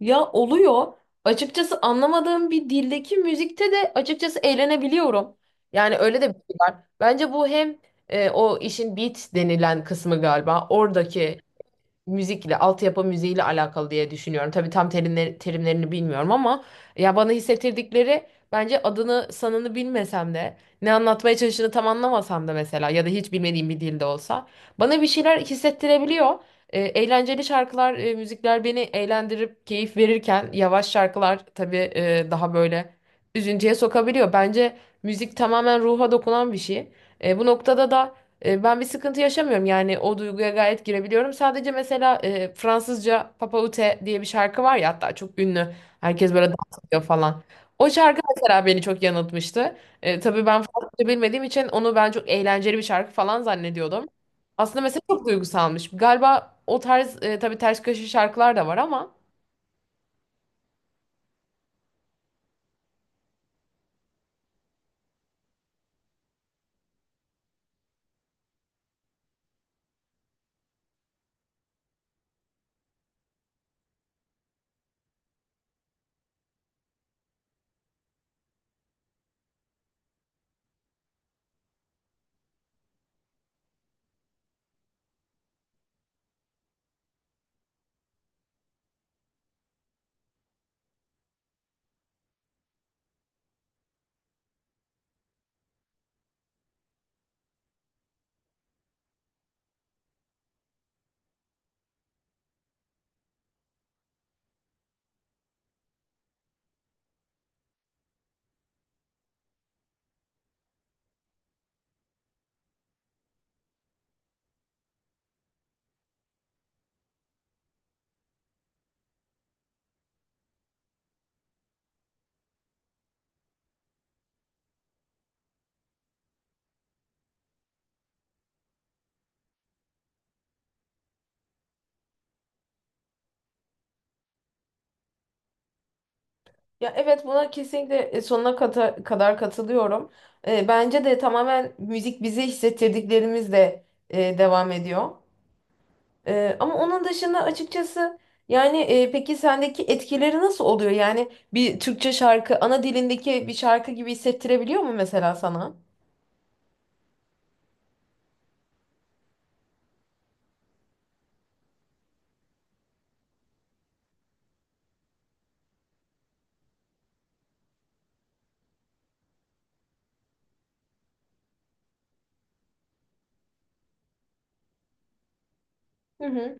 Ya oluyor. Açıkçası anlamadığım bir dildeki müzikte de açıkçası eğlenebiliyorum. Yani öyle de bir şey var. Bence bu hem o işin beat denilen kısmı galiba. Oradaki müzikle, altyapı müziğiyle alakalı diye düşünüyorum. Tabii tam terimleri, terimlerini bilmiyorum ama ya bana hissettirdikleri, bence adını sanını bilmesem de, ne anlatmaya çalıştığını tam anlamasam da, mesela ya da hiç bilmediğim bir dilde olsa bana bir şeyler hissettirebiliyor. Eğlenceli şarkılar, müzikler beni eğlendirip keyif verirken yavaş şarkılar tabii daha böyle üzüntüye sokabiliyor. Bence müzik tamamen ruha dokunan bir şey. Bu noktada da ben bir sıkıntı yaşamıyorum, yani o duyguya gayet girebiliyorum. Sadece mesela Fransızca Papa Ute diye bir şarkı var ya, hatta çok ünlü. Herkes böyle dans ediyor falan. O şarkı mesela beni çok yanıltmıştı. Tabii ben Fransızca bilmediğim için onu ben çok eğlenceli bir şarkı falan zannediyordum. Aslında mesela çok duygusalmış. Galiba o tarz, tabii ters köşe şarkılar da var ama. Ya evet, buna kesinlikle, kadar katılıyorum. Bence de tamamen müzik bize hissettirdiklerimizle devam ediyor. Ama onun dışında açıkçası, yani, peki sendeki etkileri nasıl oluyor? Yani bir Türkçe şarkı ana dilindeki bir şarkı gibi hissettirebiliyor mu mesela sana? Hı hı.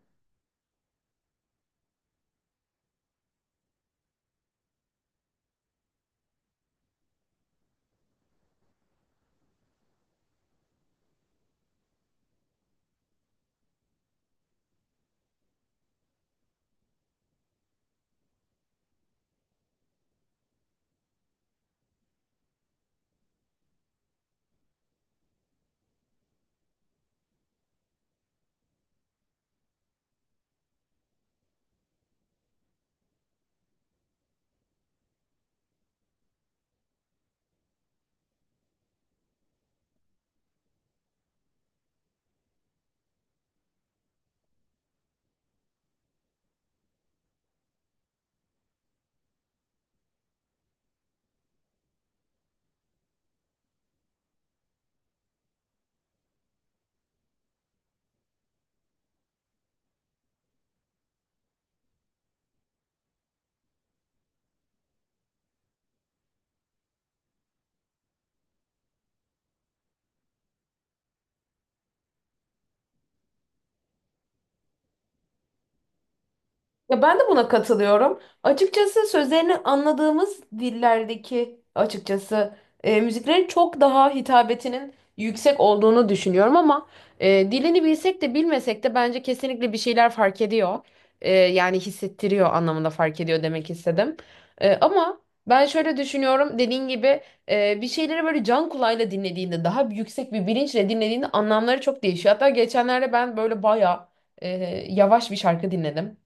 Ya ben de buna katılıyorum. Açıkçası sözlerini anladığımız dillerdeki açıkçası müziklerin çok daha hitabetinin yüksek olduğunu düşünüyorum, ama dilini bilsek de bilmesek de bence kesinlikle bir şeyler fark ediyor. Yani hissettiriyor anlamında fark ediyor demek istedim. Ama ben şöyle düşünüyorum, dediğin gibi, bir şeyleri böyle can kulağıyla dinlediğinde, daha yüksek bir bilinçle dinlediğinde anlamları çok değişiyor. Hatta geçenlerde ben böyle bayağı e, yavaş bir şarkı dinledim.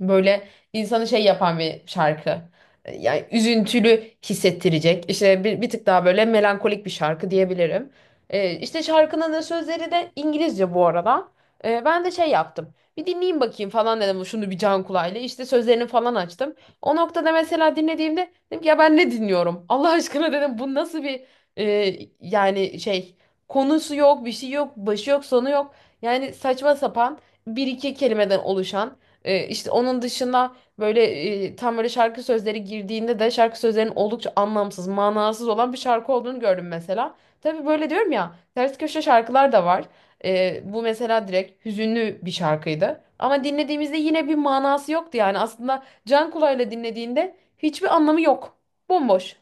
Böyle insanı şey yapan bir şarkı. Yani üzüntülü hissettirecek. İşte bir tık daha böyle melankolik bir şarkı diyebilirim. İşte şarkının da sözleri de İngilizce bu arada. Ben de şey yaptım. Bir dinleyeyim bakayım falan dedim şunu bir can kulağıyla. İşte sözlerini falan açtım. O noktada mesela dinlediğimde dedim ki, ya ben ne dinliyorum? Allah aşkına dedim, bu nasıl bir, yani şey, konusu yok, bir şey yok, başı yok, sonu yok. Yani saçma sapan bir iki kelimeden oluşan, işte onun dışında böyle, tam böyle şarkı sözleri girdiğinde de şarkı sözlerinin oldukça anlamsız, manasız olan bir şarkı olduğunu gördüm mesela. Tabii böyle diyorum ya, ters köşe şarkılar da var. Bu mesela direkt hüzünlü bir şarkıydı. Ama dinlediğimizde yine bir manası yoktu yani. Aslında can kulağıyla dinlediğinde hiçbir anlamı yok. Bomboş.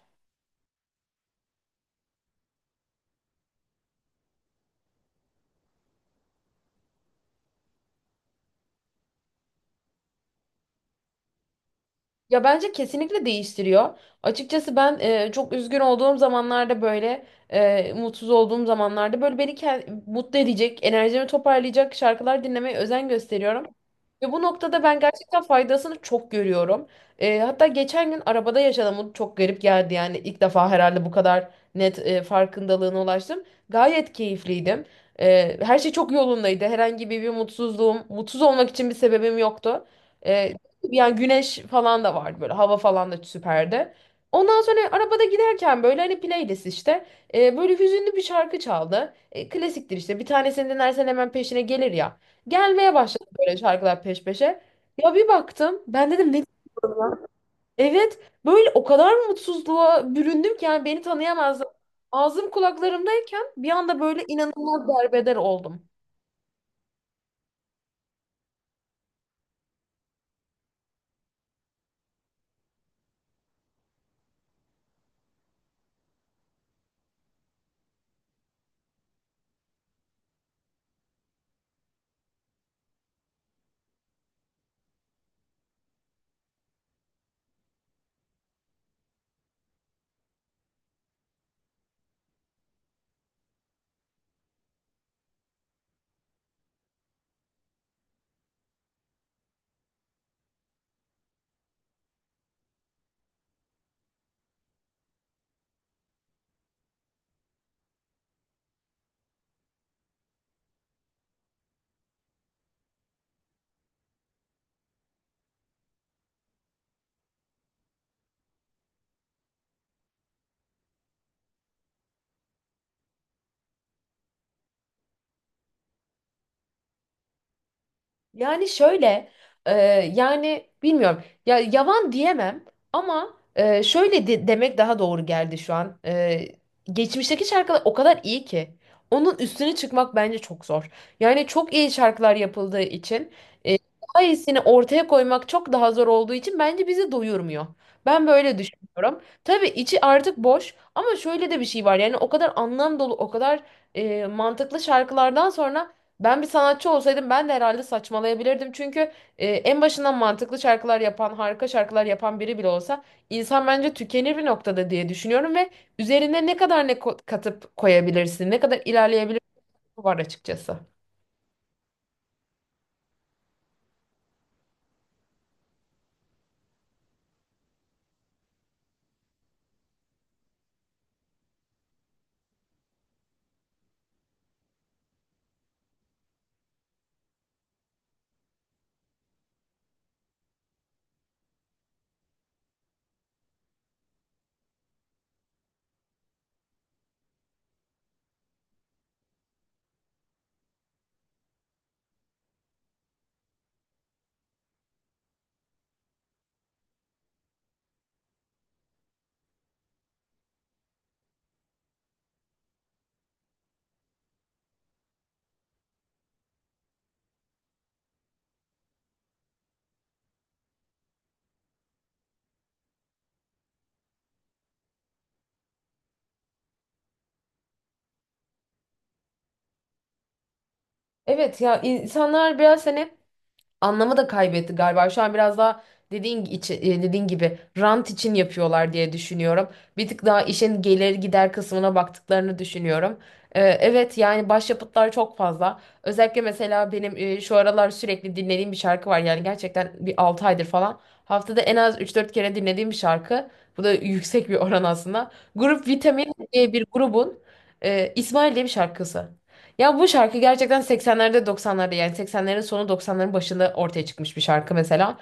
Ya bence kesinlikle değiştiriyor. Açıkçası ben çok üzgün olduğum zamanlarda böyle, mutsuz olduğum zamanlarda böyle beni mutlu edecek, enerjimi toparlayacak şarkılar dinlemeye özen gösteriyorum. Ve bu noktada ben gerçekten faydasını çok görüyorum. Hatta geçen gün arabada yaşadım. Bu çok garip geldi, yani ilk defa herhalde bu kadar net farkındalığına ulaştım. Gayet keyifliydim. Her şey çok yolundaydı. Herhangi bir mutsuzluğum, mutsuz olmak için bir sebebim yoktu. E, Yani güneş falan da vardı, böyle hava falan da süperdi. Ondan sonra arabada giderken böyle, hani playlist işte, böyle hüzünlü bir şarkı çaldı. Klasiktir işte, bir tanesini dinlersen hemen peşine gelir ya. Gelmeye başladı böyle şarkılar peş peşe. Ya bir baktım, ben dedim ne? Evet, böyle o kadar mutsuzluğa büründüm ki yani beni tanıyamazdım. Ağzım kulaklarımdayken bir anda böyle inanılmaz derbeder oldum. Yani şöyle, e, yani bilmiyorum. Ya yavan diyemem ama, demek daha doğru geldi şu an. Geçmişteki şarkılar o kadar iyi ki onun üstüne çıkmak bence çok zor. Yani çok iyi şarkılar yapıldığı için daha iyisini ortaya koymak çok daha zor olduğu için bence bizi doyurmuyor. Ben böyle düşünüyorum. Tabii içi artık boş, ama şöyle de bir şey var. Yani o kadar anlam dolu, o kadar mantıklı şarkılardan sonra, ben bir sanatçı olsaydım ben de herhalde saçmalayabilirdim. Çünkü en başından mantıklı şarkılar yapan, harika şarkılar yapan biri bile olsa insan bence tükenir bir noktada diye düşünüyorum, ve üzerine ne kadar katıp koyabilirsin, ne kadar ilerleyebilirsin, var açıkçası. Evet, ya insanlar biraz seni, anlamı da kaybetti galiba. Şu an biraz daha dediğin dediğin gibi rant için yapıyorlar diye düşünüyorum. Bir tık daha işin gelir gider kısmına baktıklarını düşünüyorum. Evet, yani başyapıtlar çok fazla. Özellikle mesela benim şu aralar sürekli dinlediğim bir şarkı var. Yani gerçekten bir 6 aydır falan. Haftada en az üç dört kere dinlediğim bir şarkı. Bu da yüksek bir oran aslında. Grup Vitamin diye bir grubun İsmail diye bir şarkısı. Ya bu şarkı gerçekten 80'lerde 90'larda, yani 80'lerin sonu 90'ların başında ortaya çıkmış bir şarkı mesela.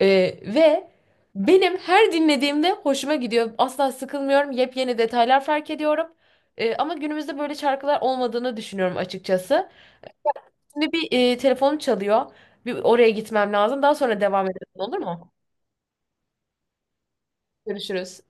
Ee, Ve benim her dinlediğimde hoşuma gidiyor. Asla sıkılmıyorum. Yepyeni detaylar fark ediyorum. Ama günümüzde böyle şarkılar olmadığını düşünüyorum açıkçası. Şimdi bir, telefonum çalıyor. Bir oraya gitmem lazım. Daha sonra devam edelim, olur mu? Görüşürüz.